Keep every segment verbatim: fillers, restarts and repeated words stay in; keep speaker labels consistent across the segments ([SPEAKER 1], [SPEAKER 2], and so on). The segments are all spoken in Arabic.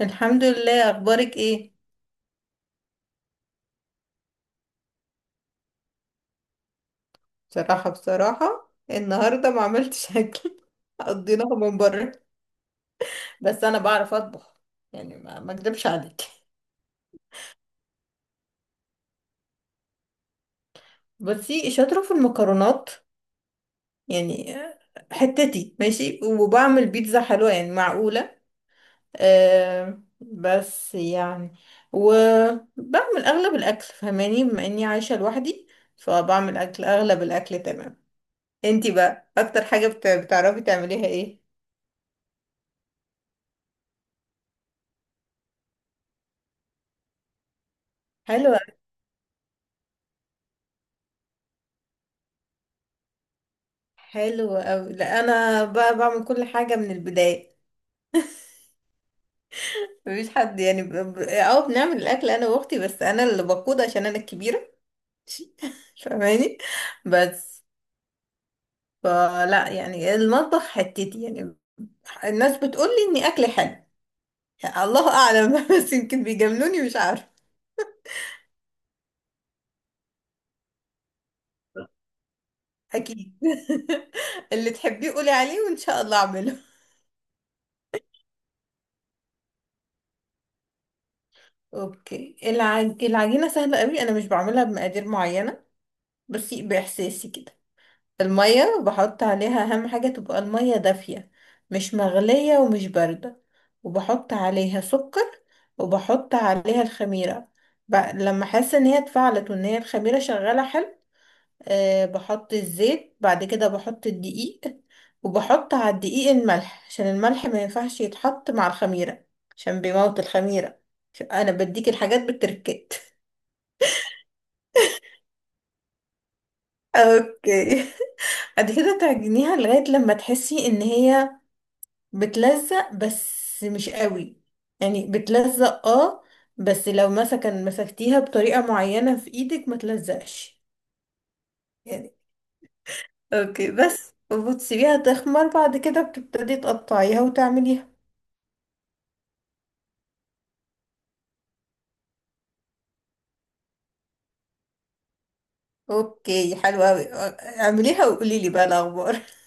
[SPEAKER 1] الحمد لله. اخبارك ايه؟ بصراحه بصراحه النهارده ما عملتش اكل قضيناها من بره. بس انا بعرف اطبخ، يعني ما ما اكدبش عليك. بصي شاطره في المكرونات يعني، حتتي ماشي. وبعمل بيتزا حلوه يعني، معقوله. أه بس يعني، وبعمل اغلب الاكل فهماني، بما اني عايشه لوحدي فبعمل اكل، اغلب الاكل تمام. انتي بقى اكتر حاجه بت- بتعرفي تعمليها ايه؟ حلو. حلو أوي. لا أنا بقى بعمل كل حاجة من البداية، مفيش حد. يعني ب... ب... اه بنعمل الأكل أنا وأختي، بس أنا اللي بقود عشان أنا الكبيرة فاهماني. بس فلا يعني المطبخ حتتي يعني، الناس بتقولي إني أكلي حلو. يعني الله أعلم بس يمكن بيجاملوني مش عارفة. أكيد اللي تحبيه قولي عليه وإن شاء الله أعمله. أوكي، العج... العجينة سهلة أوي. أنا مش بعملها بمقادير معينة، بس بإحساسي كده. المية بحط عليها، أهم حاجة تبقى المية دافية، مش مغلية ومش باردة. وبحط عليها سكر، وبحط عليها الخميرة. ب... لما أحس إن هي اتفعلت وإن هي الخميرة شغالة حلو، أه بحط الزيت. بعد كده بحط الدقيق، وبحط على الدقيق الملح، عشان الملح ما ينفعش يتحط مع الخميرة عشان بيموت الخميرة. أنا بديك الحاجات بالتركات اوكي. بعد كده تعجنيها لغاية لما تحسي ان هي بتلزق، بس مش قوي. يعني بتلزق اه، بس لو مثلا مسكتيها بطريقة معينة في ايدك ما تلزقش يعني. اوكي، بس وبتسيبيها تخمر. بعد كده بتبتدي تقطعيها وتعمليها. اوكي حلوة اوي. اعمليها وقولي لي بقى الاخبار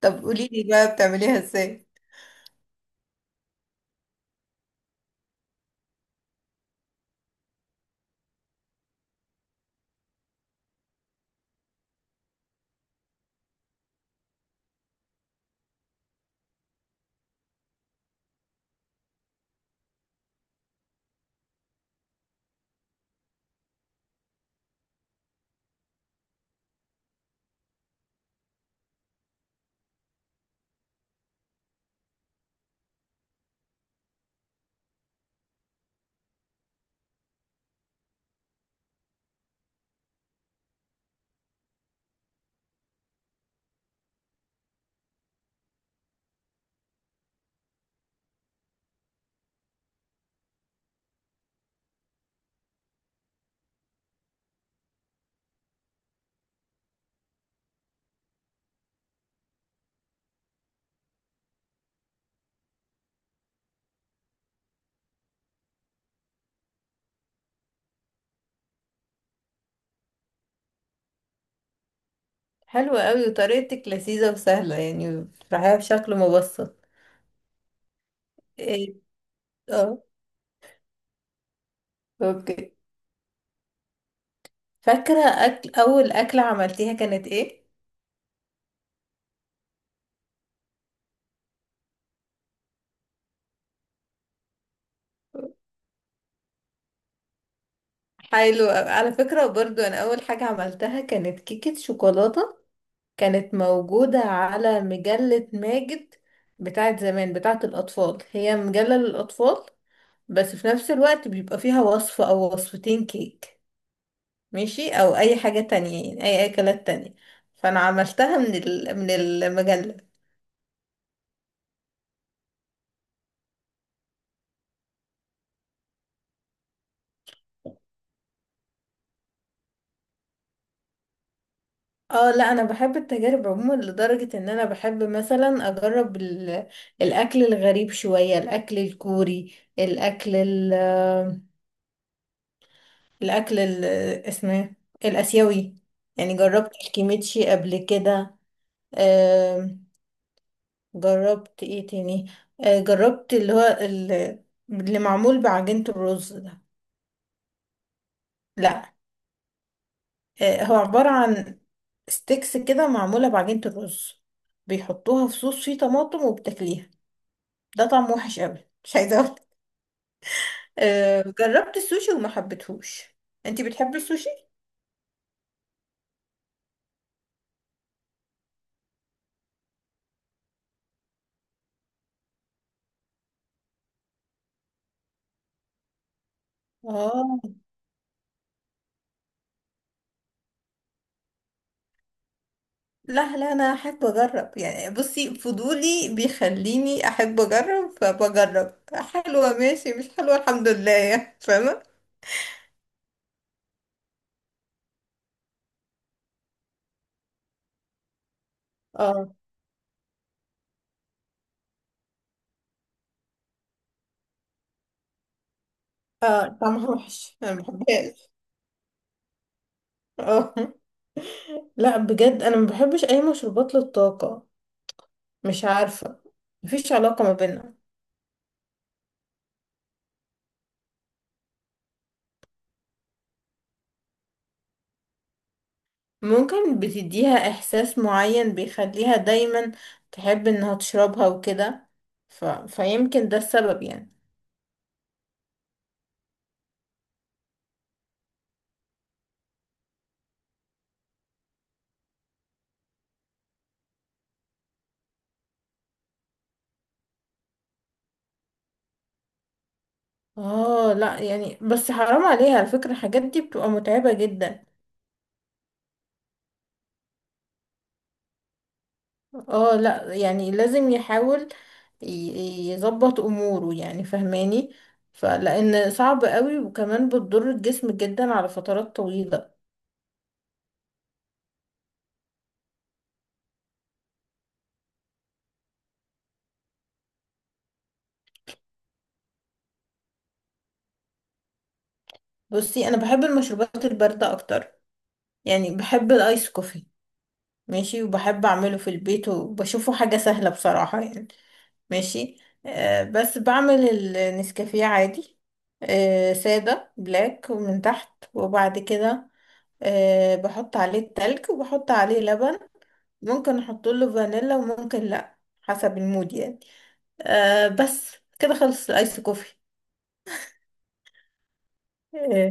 [SPEAKER 1] طب قولي لي بقى بتعمليها ازاي؟ حلوة قوي، وطريقتك لذيذة وسهلة، يعني بتفرحيها بشكل مبسط. ايه. اه. اوكي. فاكرة أكل أول أكلة عملتيها كانت ايه؟ حلو أوي. على فكرة برضو أنا أول حاجة عملتها كانت كيكة شوكولاتة. كانت موجودة على مجلة ماجد بتاعت زمان، بتاعت الأطفال. هي مجلة للأطفال، بس في نفس الوقت بيبقى فيها وصفة أو وصفتين كيك ماشي، أو أي حاجة تانية يعني أي أكلات تانية. فأنا عملتها من ال... من المجلة. اه لا انا بحب التجارب عموما، لدرجة ان انا بحب مثلا اجرب ال... الاكل الغريب شوية، الاكل الكوري، الاكل ال الأكل ال- اسمه إيه؟ الآسيوي. يعني جربت الكيميتشي قبل كده. آم، جربت ايه تاني؟ آه، جربت اللي هو ال- اللي معمول بعجينة الرز ده. لا. آه، هو عبارة عن ستيكس كده معمولة بعجينة الرز، بيحطوها في صوص فيه طماطم وبتاكليها. ده طعم وحش قوي، مش عايزة أقول. آه، جربت السوشي وما حبيتهوش. انتي بتحبي السوشي؟ اه. لا لا انا احب اجرب، يعني بصي فضولي بيخليني احب اجرب، فبجرب. حلوه ماشي، مش حلوه الحمد لله، يعني فاهمه. اه. اه طعمها وحش، انا ما بحبهاش. اه لا بجد انا ما بحبش اي مشروبات للطاقه، مش عارفه، مفيش علاقه ما بيننا. ممكن بتديها احساس معين بيخليها دايما تحب انها تشربها وكده، ف... فيمكن ده السبب يعني. اه. لا يعني، بس حرام عليها، على فكرة الحاجات دي بتبقى متعبة جدا. اه لا يعني لازم يحاول، ي- يظبط اموره يعني فهماني، فلان صعب قوي، وكمان بتضر الجسم جدا على فترات طويلة. بصي انا بحب المشروبات الباردة اكتر، يعني بحب الايس كوفي ماشي، وبحب اعمله في البيت وبشوفه حاجة سهلة بصراحة يعني. ماشي. آه بس بعمل النسكافيه عادي، آه سادة بلاك ومن تحت، وبعد كده آه بحط عليه التلج وبحط عليه لبن، ممكن احط له فانيلا وممكن لا حسب المود يعني. آه بس كده خلص الايس كوفي. آه.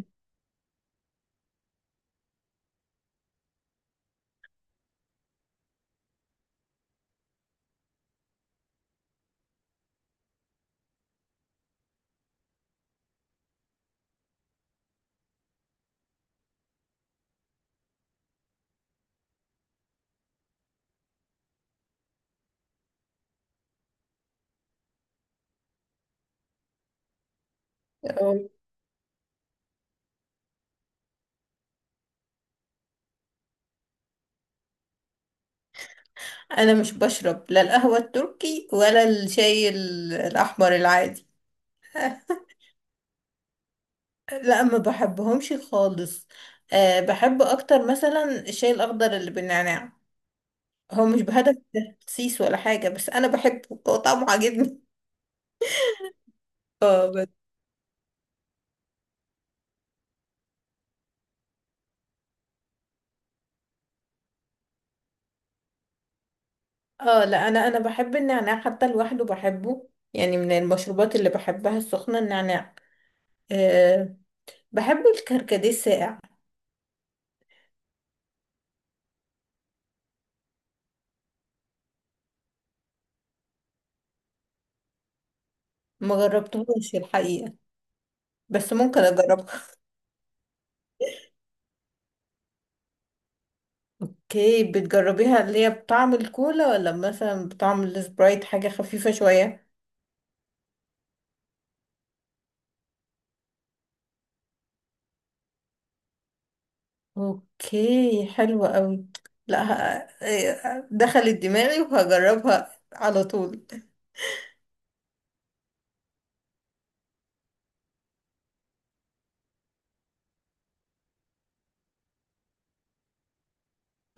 [SPEAKER 1] آه، انا مش بشرب لا القهوة التركي ولا الشاي ال- الاحمر العادي لا ما بحبهمش خالص. أه بحب اكتر مثلا الشاي الاخضر اللي بالنعناع. هو مش بهدف تخسيس ولا حاجة، بس أنا بحبه، هو طعمه عاجبني. اه بس. اه لا أنا أنا بحب النعناع حتى لوحده بحبه، يعني من المشروبات اللي بحبها السخنة النعناع. أه بحب الكركديه الساقع. ما جربتهوش الحقيقة، بس ممكن أجربها. اوكي بتجربيها اللي هي بطعم الكولا ولا مثلا بطعم السبرايت، حاجة خفيفة شوية؟ اوكي حلوة قوي. لا ه- آه، آه، دخلت دماغي وهجربها على طول.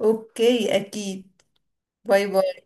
[SPEAKER 1] اوكي اكيد. باي باي.